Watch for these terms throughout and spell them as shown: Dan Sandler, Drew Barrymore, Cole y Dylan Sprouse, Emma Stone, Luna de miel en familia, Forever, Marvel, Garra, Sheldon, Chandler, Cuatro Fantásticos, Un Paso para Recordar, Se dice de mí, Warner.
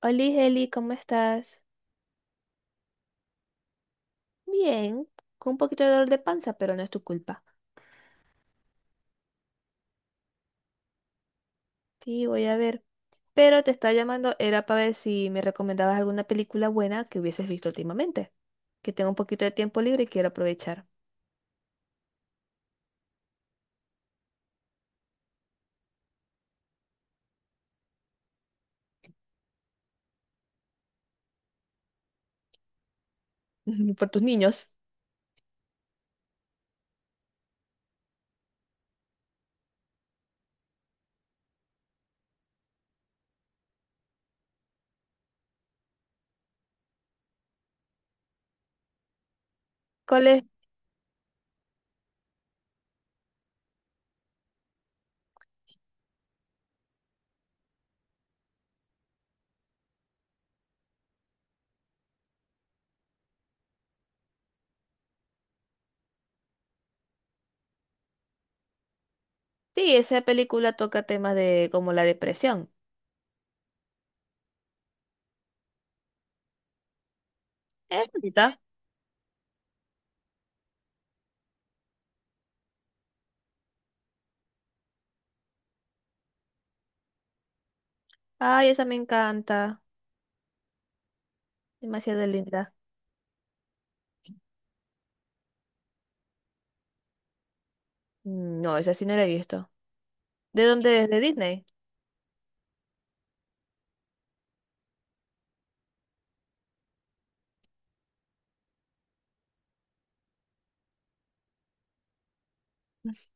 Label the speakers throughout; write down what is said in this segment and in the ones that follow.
Speaker 1: Hola, Heli, ¿cómo estás? Bien, con un poquito de dolor de panza, pero no es tu culpa. Sí, voy a ver. Pero te estaba llamando, era para ver si me recomendabas alguna película buena que hubieses visto últimamente. Que tengo un poquito de tiempo libre y quiero aprovechar. Por tus niños. ¿Cuál es? Sí, esa película toca temas de como la depresión. ¿Es bonita? Ay, esa me encanta. Demasiado linda. No, esa sí no la he visto. ¿De dónde es? ¿De Disney?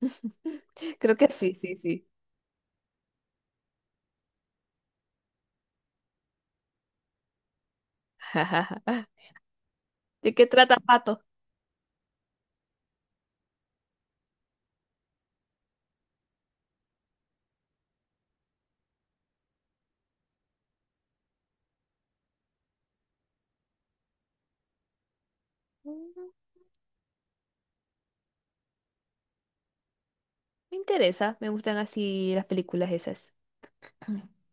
Speaker 1: Creo que sí, sí, sí. ¿De qué trata Pato? Mm, me interesa, me gustan así las películas esas.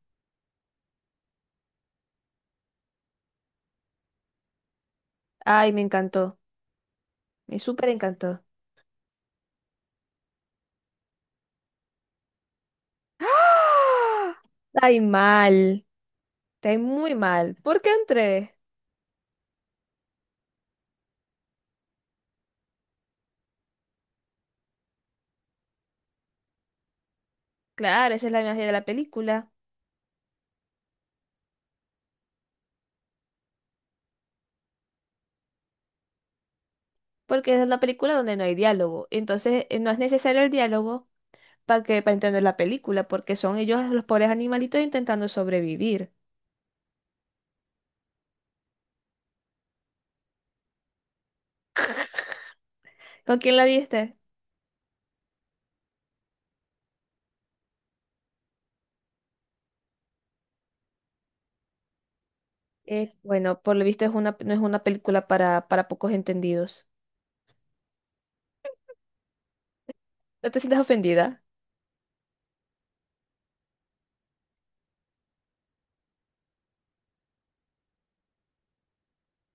Speaker 1: Ay, me encantó, me súper encantó. ¡Ah! Está ahí mal, está ahí muy mal. ¿Por qué entré? Claro, esa es la magia de la película, porque es una película donde no hay diálogo. Entonces, no es necesario el diálogo para entender la película, porque son ellos los pobres animalitos intentando sobrevivir. ¿Con quién la viste? Bueno, por lo visto es una, no es una película para pocos entendidos. ¿No te sientas ofendida?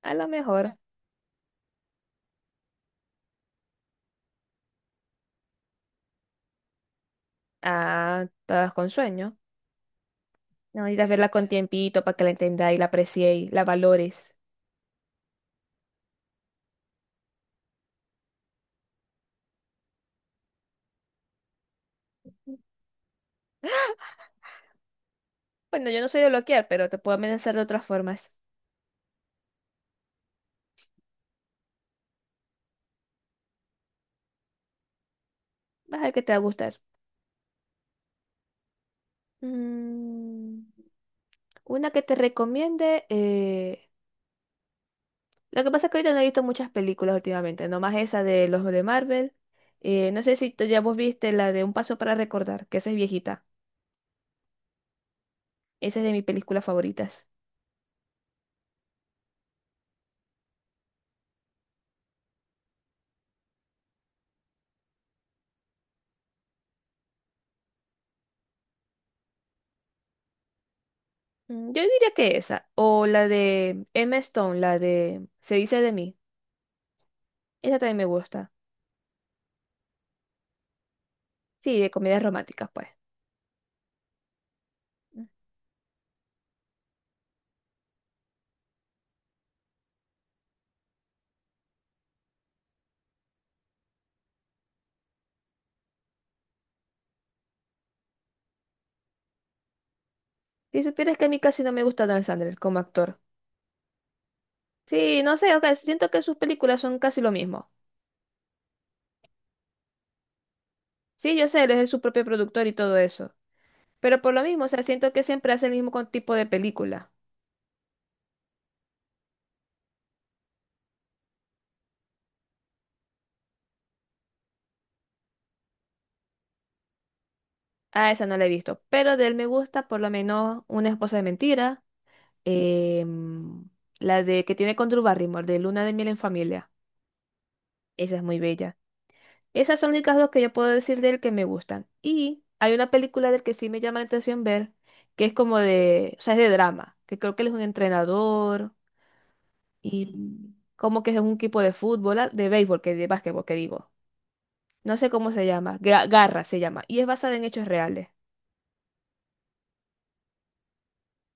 Speaker 1: A lo mejor, ah, estás con sueño. No, necesitas verla con tiempito para que la entendáis, la apreciéis, la valores. Bueno, yo no soy de bloquear, pero te puedo amenazar de otras formas. Vas a ver que te va a gustar. Mm, una que te recomiende. Lo que pasa es que ahorita no he visto muchas películas últimamente, nomás esa de los de Marvel. No sé si tú ya vos viste la de Un Paso para Recordar, que esa es viejita. Esa es de mis películas favoritas. Mm, yo diría que esa, o la de Emma Stone, la de Se dice de mí. Esa también me gusta. Sí, de comedias románticas, pues. Si supieras que a mí casi no me gusta Dan Sandler como actor. Sí, no sé, ok, siento que sus películas son casi lo mismo. Sí, yo sé, él es su propio productor y todo eso. Pero por lo mismo, o sea, siento que siempre hace el mismo tipo de película. Ah, esa no la he visto. Pero de él me gusta por lo menos Una esposa de mentira. em, la de que tiene con Drew Barrymore, de Luna de miel en familia. Esa es muy bella. Esas son las únicas dos que yo puedo decir de él que me gustan. Y hay una película del que sí me llama la atención ver, que es como de, o sea, es de drama, que creo que él es un entrenador y como que es un equipo de fútbol, ah, de béisbol, que de básquetbol, que digo. No sé cómo se llama, Garra se llama, y es basada en hechos reales.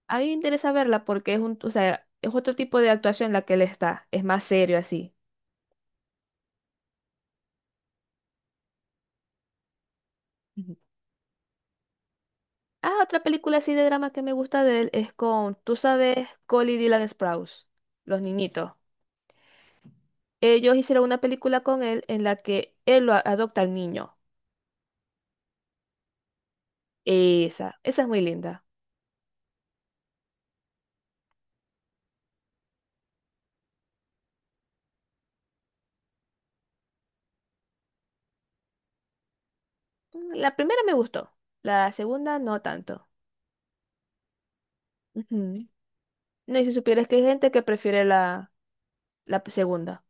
Speaker 1: A mí me interesa verla porque es un, o sea, es otro tipo de actuación la que él está, es más serio así. Ujú. Ah, otra película así de drama que me gusta de él es con, tú sabes, Cole y Dylan Sprouse, los niñitos. Ellos hicieron una película con él en la que él lo adopta al niño. Esa es muy linda. Mm, la primera me gustó, la segunda no tanto. Ujú. No, y si supieras que hay gente que prefiere la segunda.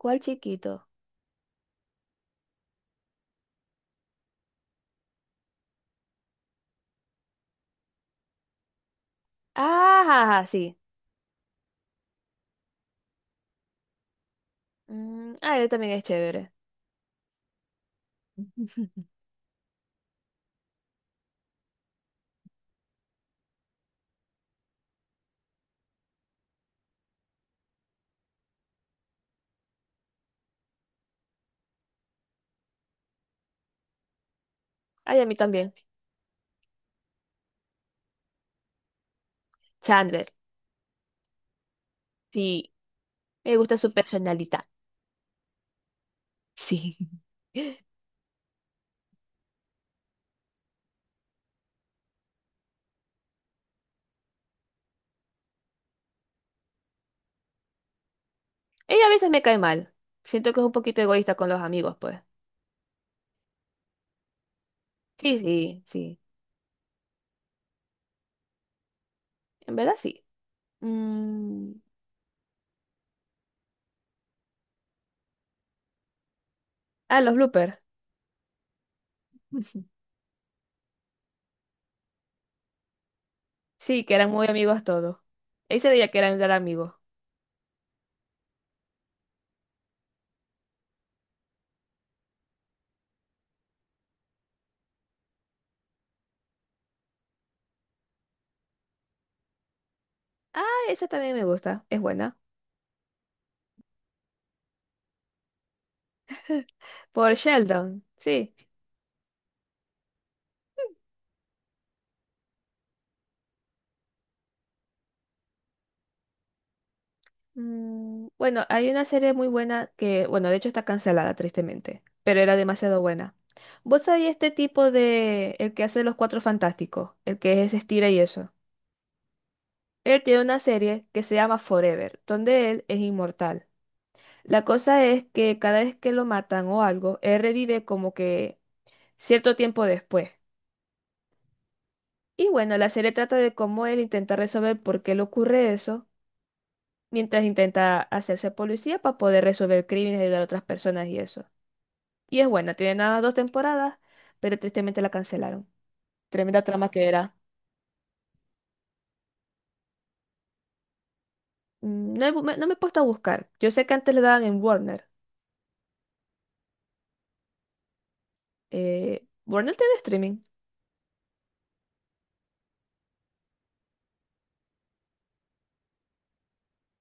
Speaker 1: ¿Cuál chiquito? Ah, ja, ja, sí. Mm, ah, él también es chévere. Ay, a mí también. Chandler, sí. Me gusta su personalidad. Sí. Ella a veces me cae mal. Siento que es un poquito egoísta con los amigos, pues. Sí, sí, sí. En verdad, sí. Mm, ah, los bloopers. Sí, que eran muy amigos todos. Ahí se veía que eran gran amigos. Ah, esa también me gusta, es buena. Por Sheldon, sí. Mm, bueno, hay una serie muy buena que, bueno, de hecho está cancelada, tristemente, pero era demasiado buena. ¿Vos sabés este tipo de, el que hace los Cuatro Fantásticos, el que es estira y eso? Él tiene una serie que se llama Forever, donde él es inmortal. La cosa es que cada vez que lo matan o algo, él revive como que cierto tiempo después. Y bueno, la serie trata de cómo él intenta resolver por qué le ocurre eso, mientras intenta hacerse policía para poder resolver crímenes y ayudar a otras personas y eso. Y es buena, tiene nada más dos temporadas, pero tristemente la cancelaron. Tremenda trama que era. Mm, no, no me he puesto a buscar. Yo sé que antes le daban en Warner. ¿Warner tiene streaming?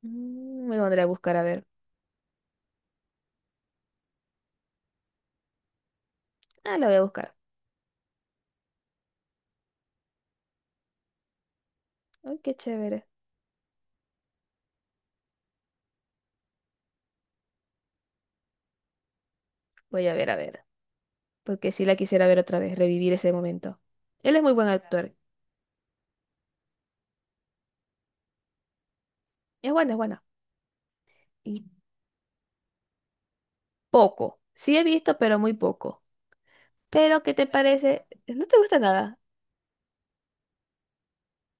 Speaker 1: Mm, me lo pondré a buscar a ver. Ah, la voy a buscar. Ay, qué chévere. Voy a ver, a ver. Porque sí la quisiera ver otra vez, revivir ese momento. Él es muy buen actor. Es buena, es buena. Y poco. Sí he visto, pero muy poco. Pero, ¿qué te parece? No te gusta nada.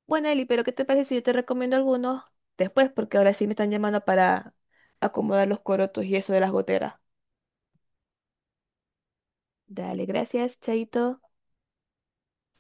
Speaker 1: Bueno, Eli, pero ¿qué te parece si yo te recomiendo algunos después? Porque ahora sí me están llamando para acomodar los corotos y eso de las goteras. Dale, gracias, Chaito.